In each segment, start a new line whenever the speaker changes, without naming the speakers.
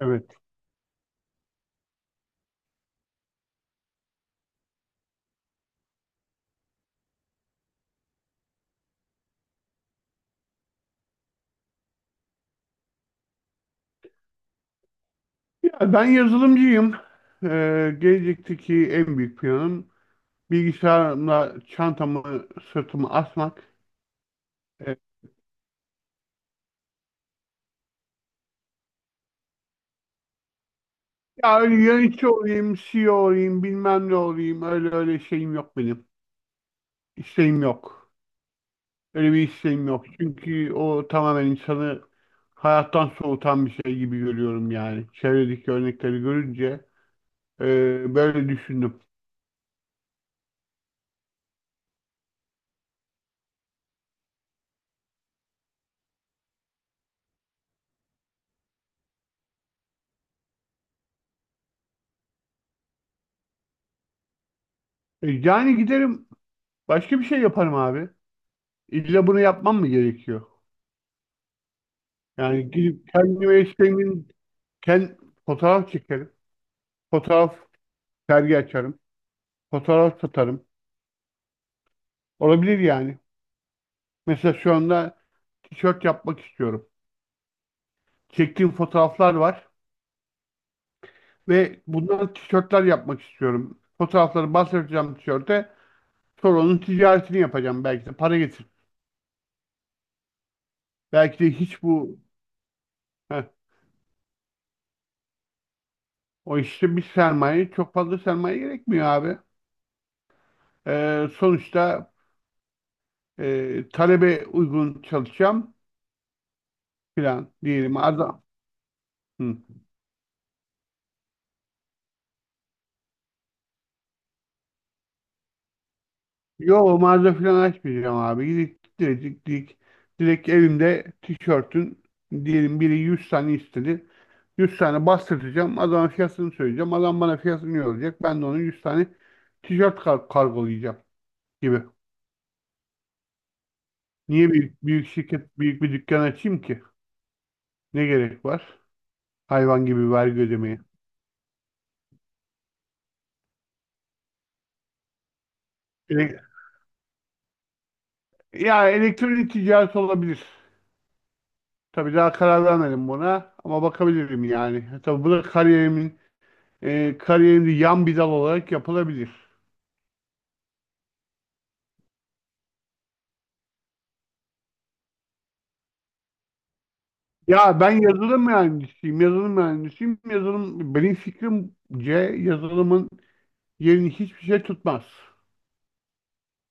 Evet. Ya ben yazılımcıyım. Gelecekteki en büyük planım bilgisayarımla çantamı sırtıma asmak. Ee, ya öyle yönetici olayım, CEO olayım, bilmem ne olayım. Öyle öyle şeyim yok benim. İsteğim yok. Öyle bir isteğim yok. Çünkü o tamamen insanı hayattan soğutan bir şey gibi görüyorum yani. Çevredeki örnekleri görünce böyle düşündüm. Yani giderim başka bir şey yaparım abi. İlla bunu yapmam mı gerekiyor? Yani gidip kendime isteğimin kend, fotoğraf çekerim. Fotoğraf sergi açarım. Fotoğraf satarım. Olabilir yani. Mesela şu anda tişört yapmak istiyorum. Çektiğim fotoğraflar var ve bundan tişörtler yapmak istiyorum. Fotoğrafları bastıracağım tişörte. Sonra onun ticaretini yapacağım. Belki de para getir. Belki de hiç bu heh, o işte bir sermaye çok fazla sermaye gerekmiyor abi. Sonuçta talebe uygun çalışacağım filan diyelim. Adam. Hı. Yo, mağaza falan açmayacağım abi. Gidip direkt evimde tişörtün diyelim biri 100 tane istedi. 100 tane bastıracağım. Adama fiyatını söyleyeceğim. Adam bana fiyatını yollayacak. Ben de onun 100 tane tişört kargolayacağım gibi. Niye büyük, büyük şirket, büyük bir dükkan açayım ki? Ne gerek var? Hayvan gibi vergi ödemeye. Ele- elektronik ticaret olabilir. Tabii daha karar vermedim buna ama bakabilirim yani. Tabii bu da kariyerinde yan bir dal olarak yapılabilir. Ya ben yazılım mühendisiyim, yazılım mühendisiyim. Yazılım, benim fikrimce yazılımın yerini hiçbir şey tutmaz.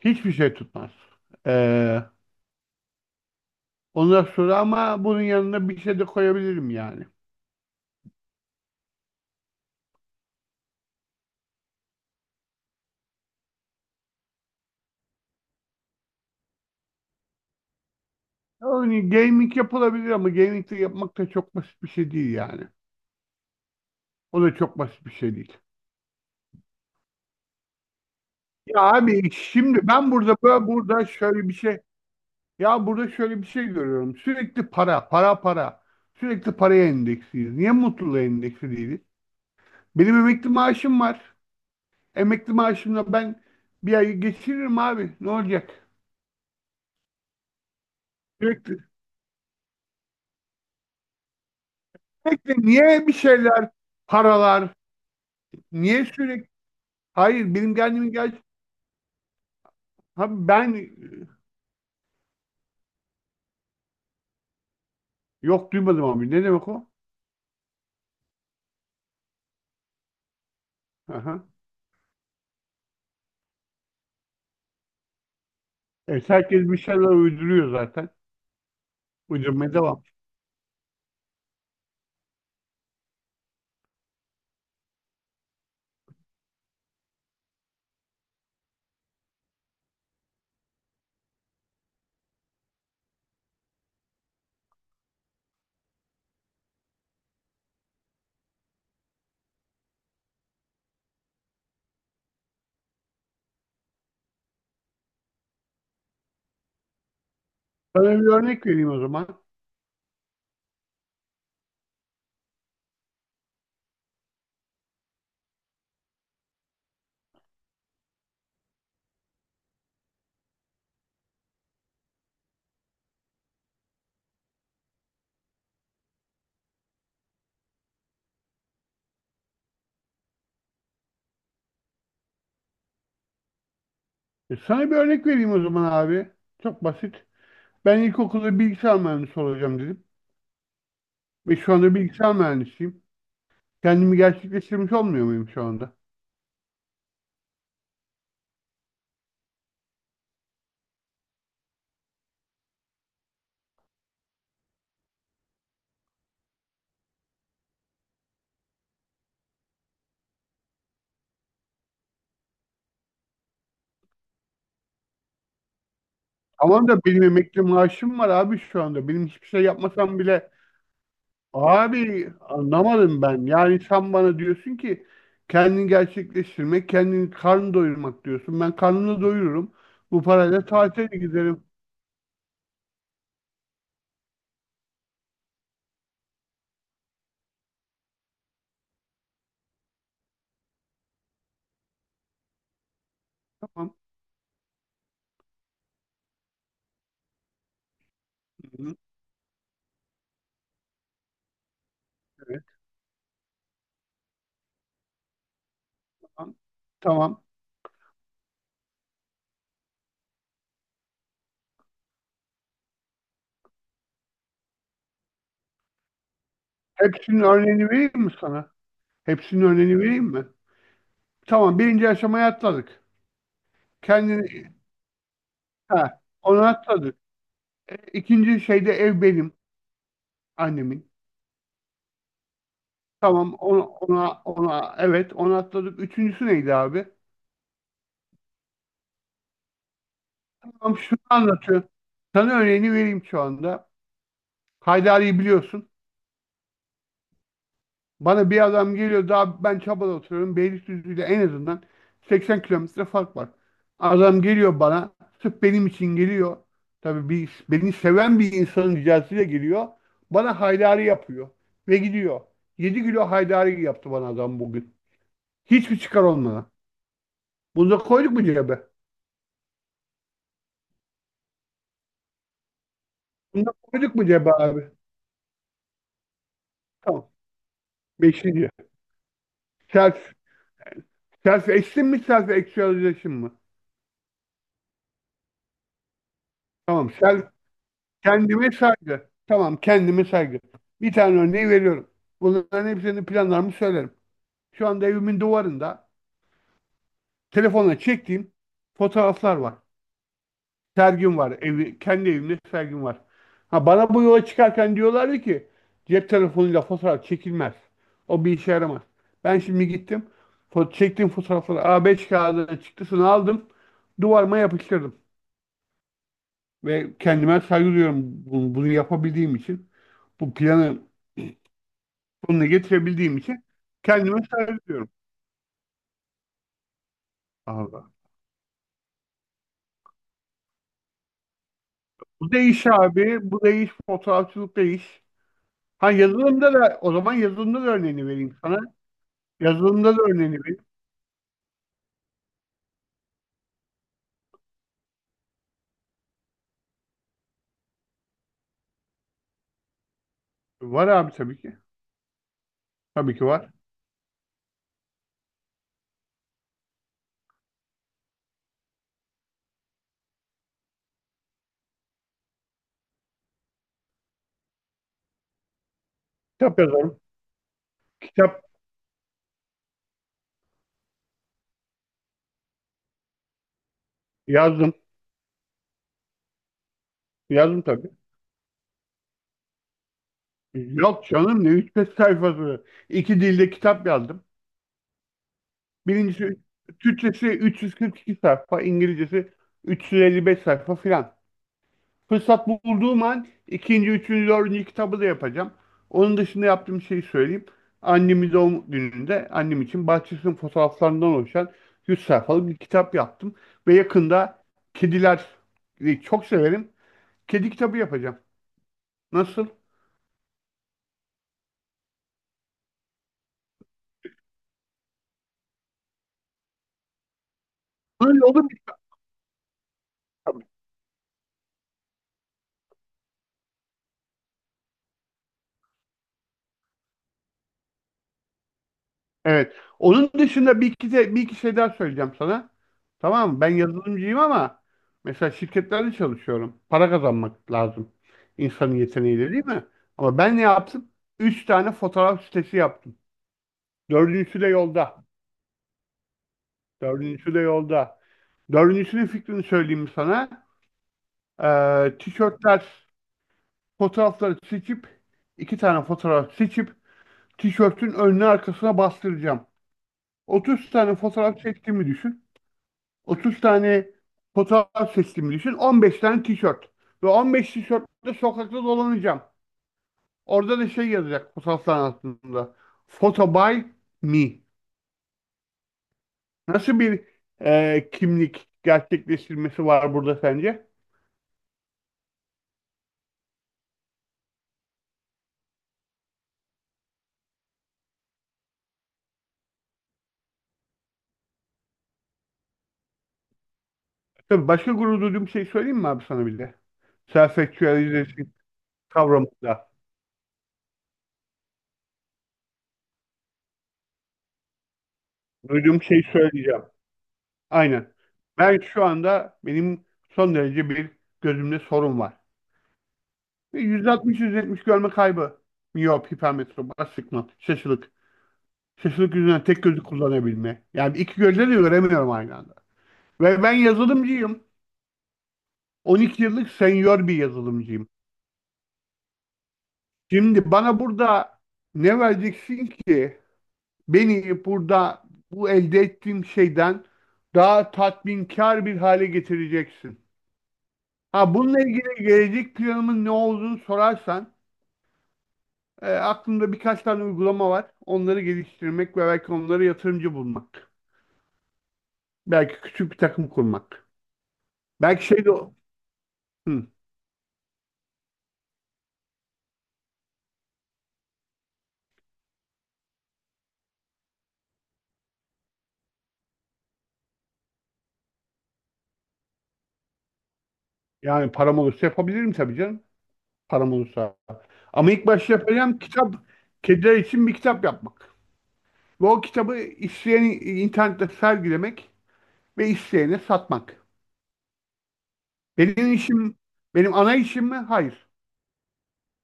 Hiçbir şey tutmaz. Ee, ondan sonra ama bunun yanına bir şey de koyabilirim yani. Yani gaming yapılabilir ama gaming de yapmak da çok basit bir şey değil yani. O da çok basit bir şey değil. Ya abi, şimdi ben burada bö- burada şöyle bir şey ya burada şöyle bir şey görüyorum. Sürekli para, para, para. Sürekli paraya endeksliyiz. Niye mutluluğa endeksli değiliz? Benim emekli maaşım var. Emekli maaşımla ben bir ay geçiririm abi. Ne olacak? Sürekli, sürekli niye bir şeyler, paralar, niye sürekli? Hayır, benim kendimi Abi ben. Yok, duymadım abi. Ne demek o? Aha. Evet, herkes bir şeyler uyduruyor zaten. Uydurmaya devam. Sana bir örnek vereyim o zaman. Sana bir örnek vereyim o zaman abi. Çok basit. Ben ilkokulda bilgisayar mühendisi olacağım dedim. Ve şu anda bilgisayar mühendisiyim. Kendimi gerçekleştirmiş olmuyor muyum şu anda? Tamam da benim emekli maaşım var abi şu anda. Benim hiçbir şey yapmasam bile. Abi, anlamadım ben. Yani sen bana diyorsun ki kendini gerçekleştirmek, kendini karnını doyurmak diyorsun. Ben karnını doyururum. Bu parayla tatile giderim. Tamam. Hı, hı. Evet, tamam. Tamam. Hepsinin örneğini vereyim mi sana? Hepsinin örneğini vereyim mi? Tamam. Birinci aşamayı atladık. Kendini ha, onu atladık. İkinci şeyde ev benim, annemin. Tamam. Ona, evet onu atladık. Üçüncüsü neydi abi? Tam şunu anlatıyor. Sana örneğini vereyim şu anda. Haydari'yi biliyorsun. Bana bir adam geliyor, daha ben Çaba'da oturuyorum. Beylikdüzü ile en azından 80 kilometre fark var. Adam geliyor bana. Sırf benim için geliyor. Tabii, beni seven bir insanın ricasıyla geliyor. Bana haydari yapıyor. Ve gidiyor. 7 kilo haydari yaptı bana adam bugün. Hiçbir çıkar olmadan. Bunu da koyduk mu cebe? Bunu da koyduk mu cebe abi? Tamam. Beşinci. Selfie. Self esteem mi, self actualization mı? Tamam, kendime saygı. Tamam, kendime saygı. Bir tane örneği veriyorum. Bunların hepsini planlarımı söylerim. Şu anda evimin duvarında telefona çektiğim fotoğraflar var. Sergim var. Kendi evimde sergim var. Ha, bana bu yola çıkarken diyorlardı ki cep telefonuyla fotoğraf çekilmez. O bir işe yaramaz. Ben şimdi gittim. Çektiğim fotoğrafları A5 kağıdına çıktısını aldım. Duvarıma yapıştırdım. Ve kendime saygı duyuyorum bunu yapabildiğim için. Bu planı sonuna getirebildiğim için kendime saygı duyuyorum. Allah. Bu da iş abi. Bu da iş. Fotoğrafçılık da iş. Ha, yazılımda da örneğini vereyim sana. Yazılımda da örneğini vereyim. Var abi, tabii ki. Tabii ki var. Kitap yazarım. Kitap yazdım. Yazdım tabii. Yok canım, ne 3-5 sayfası. İki dilde kitap yazdım. Birincisi Türkçesi 342 sayfa, İngilizcesi 355 sayfa filan. Fırsat bulduğum an ikinci, üçüncü, dördüncü kitabı da yapacağım. Onun dışında yaptığım şeyi söyleyeyim. Annemin doğum gününde annem için bahçesinin fotoğraflarından oluşan 100 sayfalık bir kitap yaptım. Ve yakında kediler çok severim. Kedi kitabı yapacağım. Nasıl? Böyle olur. Evet. Onun dışında bir iki şey daha söyleyeceğim sana. Tamam mı? Ben yazılımcıyım ama mesela şirketlerde çalışıyorum. Para kazanmak lazım. İnsanın yeteneğiyle değil mi? Ama ben ne yaptım? Üç tane fotoğraf sitesi yaptım. Dördüncüsü de yolda. Dördüncüsü de yolda. Dördüncüsünün fikrini söyleyeyim sana. Tişörtler, fotoğrafları seçip iki tane fotoğraf seçip tişörtün önüne arkasına bastıracağım. 30 tane fotoğraf çektiğimi düşün. 30 tane fotoğraf seçtiğimi düşün. 15 tane tişört. Ve 15 tişörtle sokakta dolanacağım. Orada da şey yazacak fotoğrafların altında. Photo by me. Nasıl bir kimlik gerçekleştirmesi var burada sence? Tabii başka gurur duyduğum şey söyleyeyim mi abi sana bir de? Self-actualization kavramında. Duyduğum şeyi söyleyeceğim. Aynen. Ben şu anda benim son derece bir gözümde sorun var. Ve 160-170 görme kaybı. Miyop, hipermetrop, astigmat, şaşılık. Şaşılık yüzünden tek gözü kullanabilme. Yani iki gözle de göremiyorum aynı anda. Ve ben yazılımcıyım. 12 yıllık senior bir yazılımcıyım. Şimdi bana burada ne vereceksin ki beni burada bu elde ettiğim şeyden daha tatminkar bir hale getireceksin? Ha, bununla ilgili gelecek planımın ne olduğunu sorarsan, aklımda birkaç tane uygulama var. Onları geliştirmek ve belki onlara yatırımcı bulmak. Belki küçük bir takım kurmak. Belki şey de Hı. Yani param olursa yapabilirim tabii canım. Param olursa. Ama ilk başta yapacağım kitap, kediler için bir kitap yapmak. Ve o kitabı isteyen internette sergilemek ve isteyene satmak. Benim işim, benim ana işim mi? Hayır.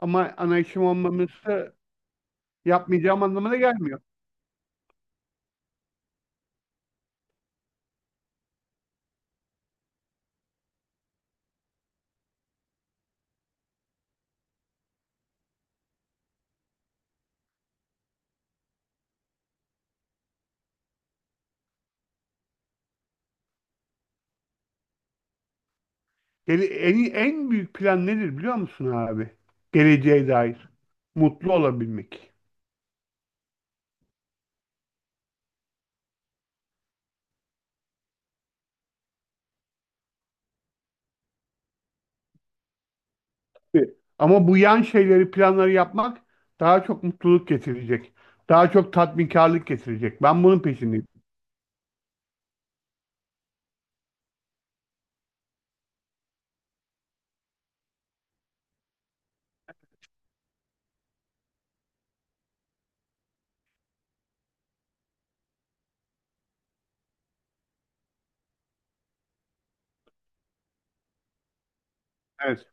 Ama ana işim olmaması yapmayacağım anlamına gelmiyor. En büyük plan nedir biliyor musun abi? Geleceğe dair. Mutlu olabilmek. Evet. Ama bu yan şeyleri, planları yapmak daha çok mutluluk getirecek. Daha çok tatminkarlık getirecek. Ben bunun peşindeyim. Evet.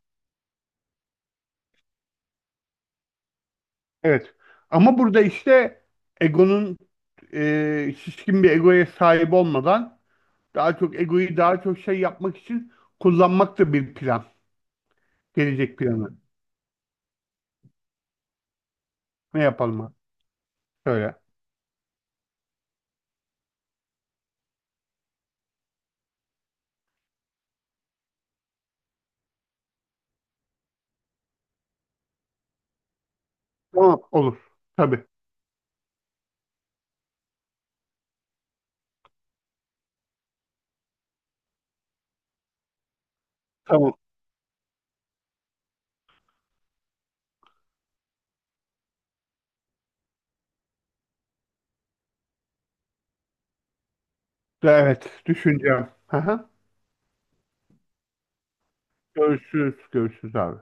Evet. Ama burada işte egonun şişkin bir egoya sahip olmadan daha çok egoyu daha çok şey yapmak için kullanmak da bir plan. Gelecek planı. Ne yapalım abi? Söyle. Tamam. Olur. Tabii. Tamam. Evet, düşüneceğim. Aha. Görüşürüz, görüşürüz abi.